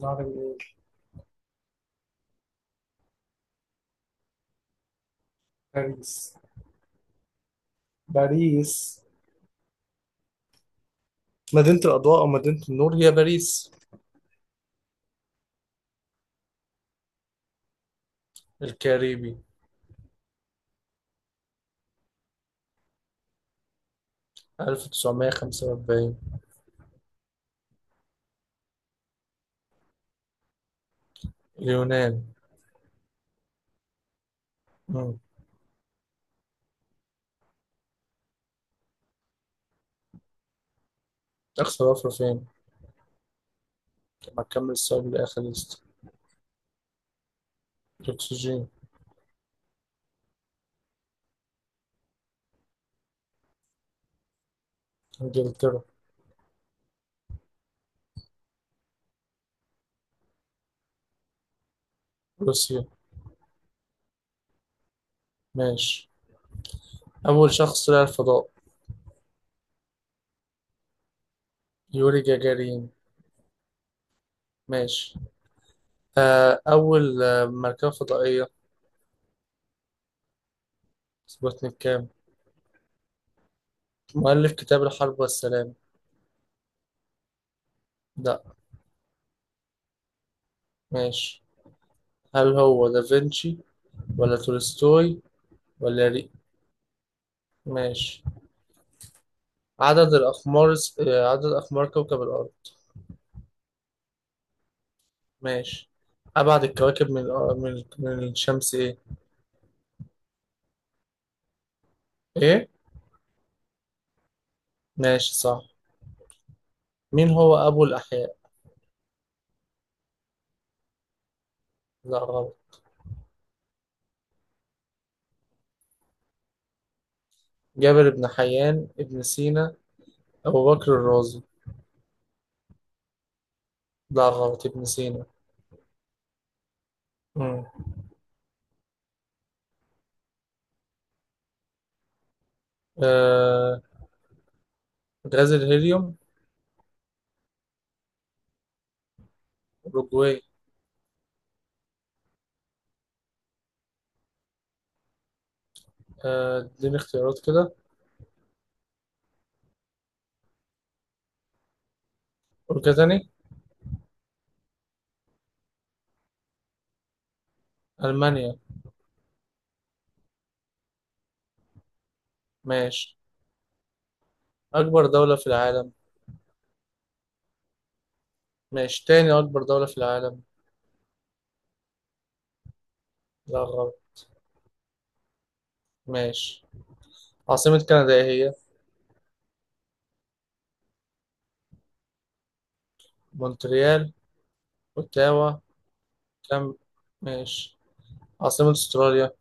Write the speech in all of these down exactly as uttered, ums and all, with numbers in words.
نهر النيل. باريس. باريس. مدينة الأضواء أو مدينة النور هي باريس. الكاريبي. ألف وتسعمية خمسة وأربعين. اليونان. مم. أقصى ضفر فين؟ لما تكمل السؤال لآخر لست. الأكسجين. إنجلترا. روسيا. ماشي. أول شخص طلع الفضاء. يوري جاجارين. ماشي. آه، أول آه، مركبة فضائية. سبوتنيك كام؟ مؤلف كتاب الحرب والسلام. لا. ماشي. هل هو دافنشي ولا تولستوي ولا ري؟ ماشي. عدد الأقمار الس- آه، عدد أقمار كوكب الأرض. ماشي. أبعد الكواكب من الأ- من من الشمس إيه؟ إيه؟ ماشي صح. مين هو أبو الأحياء؟ لا غلط. جابر بن حيان، ابن سينا، أبو بكر الرازي. لا غلط ابن سينا. مم. آه غاز الهيليوم. أوروجواي. آه اديني اختيارات كده. قول كده تاني. ألمانيا. ماشي. أكبر دولة في العالم. ماشي. تاني أكبر دولة في العالم. لا غلط. ماشي. عاصمة كندا إيه هي؟ مونتريال، أوتاوا، كام. ماشي. عاصمة أستراليا.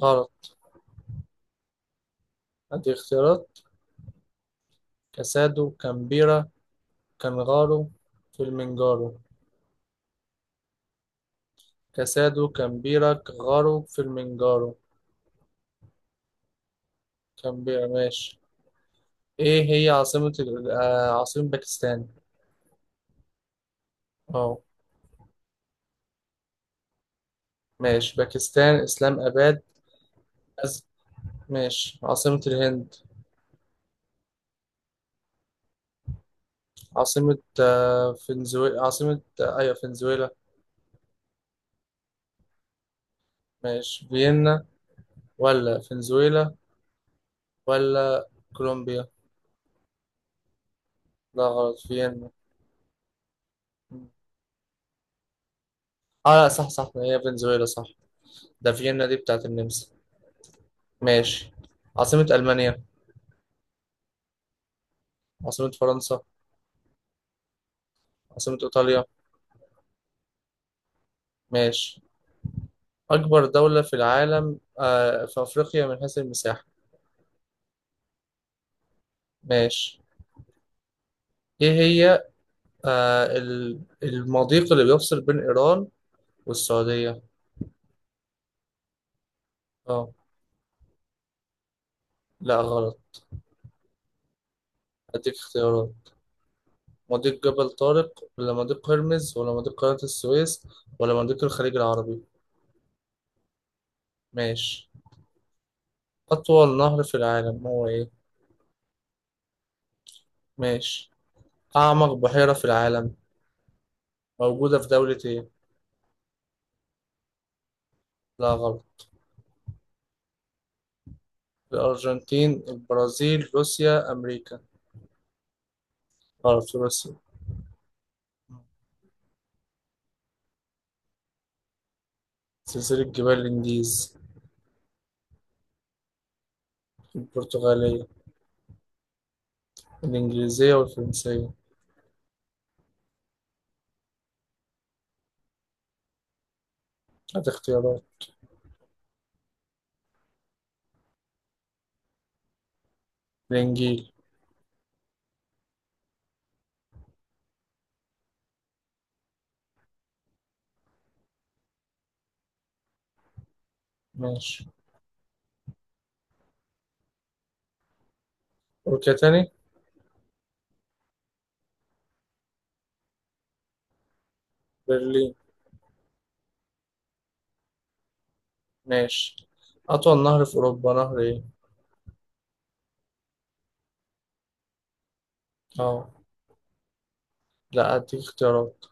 غلط. هدي اختيارات. كاسادو، كامبيرا، كانغارو، فيلمنجارو. كاسادو، كامبيرا، كانغارو، فيلمنجارو. كامبيرا. ماشي. إيه هي عاصمة ال- آه، عاصمة باكستان؟ أه. ماشي. باكستان إسلام آباد. أز... ماشي. عاصمة الهند. عاصمة آه، فنزويلا، عاصمة آه، أيوة فنزويلا. ماشي. فيينا ولا فنزويلا ولا كولومبيا؟ لا غلط فيينا. اه لا، صح صح، هي فنزويلا صح. ده فيينا دي بتاعت النمسا. ماشي. عاصمة ألمانيا. عاصمة فرنسا. عاصمة إيطاليا. ماشي. أكبر دولة في العالم، آه في أفريقيا من حيث المساحة. ماشي. إيه هي آه ال- المضيق اللي بيفصل بين إيران والسعودية. اه لا غلط. أديك اختيارات. مضيق جبل طارق ولا مضيق هرمز ولا مضيق قناة السويس ولا مضيق الخليج العربي؟ ماشي. أطول نهر في العالم هو إيه؟ ماشي. أعمق بحيرة في العالم موجودة في دولة إيه؟ لا غلط. الأرجنتين، البرازيل، روسيا، أمريكا. غلط، في روسيا. سلسلة جبال الإنديز. البرتغالية. الإنجليزية والفرنسية. هات اختيارات. الإنجيل. ماشي. أوروبا تاني. برلين. ماشي. أطول نهر في أوروبا نهر إيه؟ أه لا، أديك اختيارات.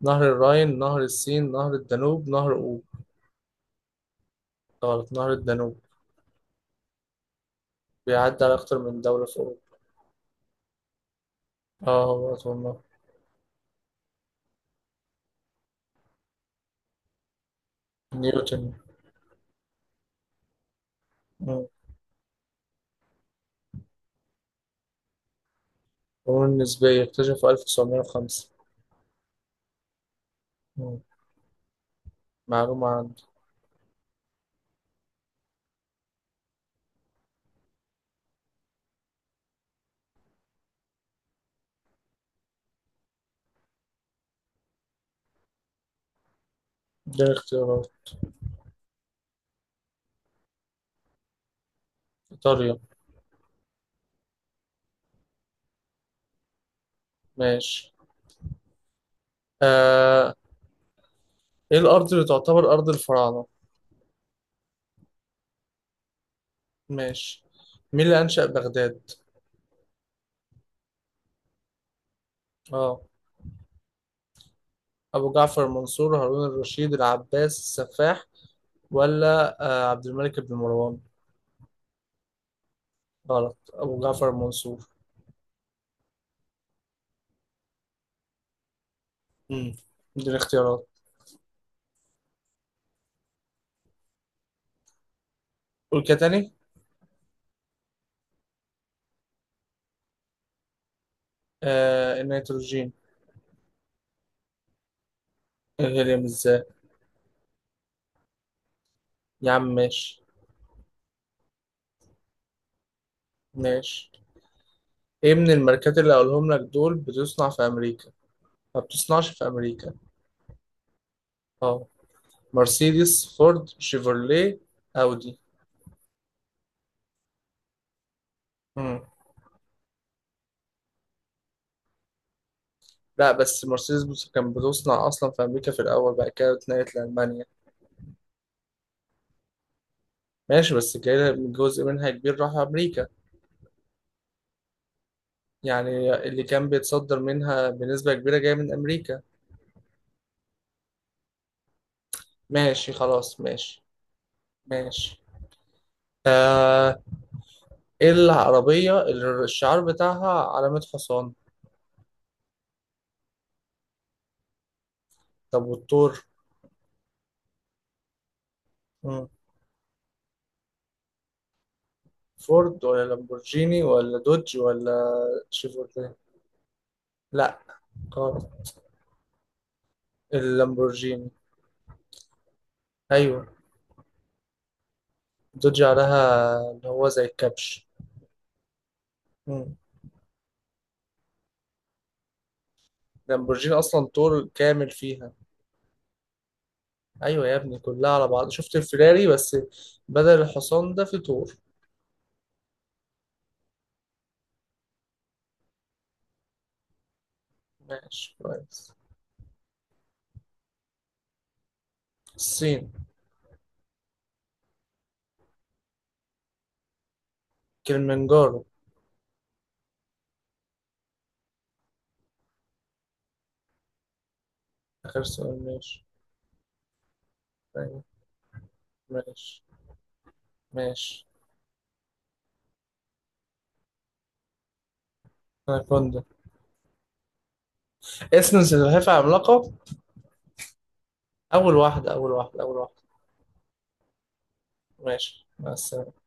نهر الراين، نهر السين، نهر الدانوب، نهر أوب. غلط، نهر الدانوب. بيعدي على أكتر من دولة في أوروبا. آه هو والله. نيوتن. مم. القانون النسبية اكتشفه ألف وتسعمية وخمسة. مم. معلومة عندي. ده اختيارات. إيطاليا. ماشي. آه إيه الأرض اللي تعتبر أرض الفراعنة. ماشي. مين اللي أنشأ بغداد. آه. أبو جعفر المنصور، هارون الرشيد، العباس السفاح، ولا آه عبد الملك بن مروان. غلط، أبو جعفر المنصور. مم. دي الاختيارات. قول كده تاني. آه النيتروجين. الهيليوم الذري. يا عم ماشي. ماشي. ايه من الماركات اللي هقولهم لك دول بتصنع في امريكا؟ ما بتصنعش في امريكا. اه. مرسيدس، فورد، شيفروليه، اودي. مم. لا بس مرسيدس بص كان بتصنع اصلا في امريكا في الاول، بعد كده اتنقلت لالمانيا. ماشي بس كده جزء منها كبير راح امريكا. يعني اللي كان بيتصدر منها بنسبة كبيرة جاية من امريكا. ماشي خلاص ماشي. ماشي. آه ايه العربية اللي الشعار بتاعها علامة حصان؟ طب والثور. مم. فورد ولا لامبورجيني ولا دوج ولا شيفورلي؟ لا غلط. اللامبورجيني. ايوه. دوج عليها اللي هو زي الكبش. مم. لامبورجيني اصلا طول كامل فيها. ايوه يا ابني، كلها على بعض، شفت الفيراري بس. بدل الحصان ده في طور. ماشي كويس. الصين. كلمنجارو. اخر سؤال ماشي. أيوة. ماشي. ماشي. اناكوندا. اسم سلحفاة عملاقة. اول واحدة، اول واحدة، اول واحدة. ماشي مع السلامة.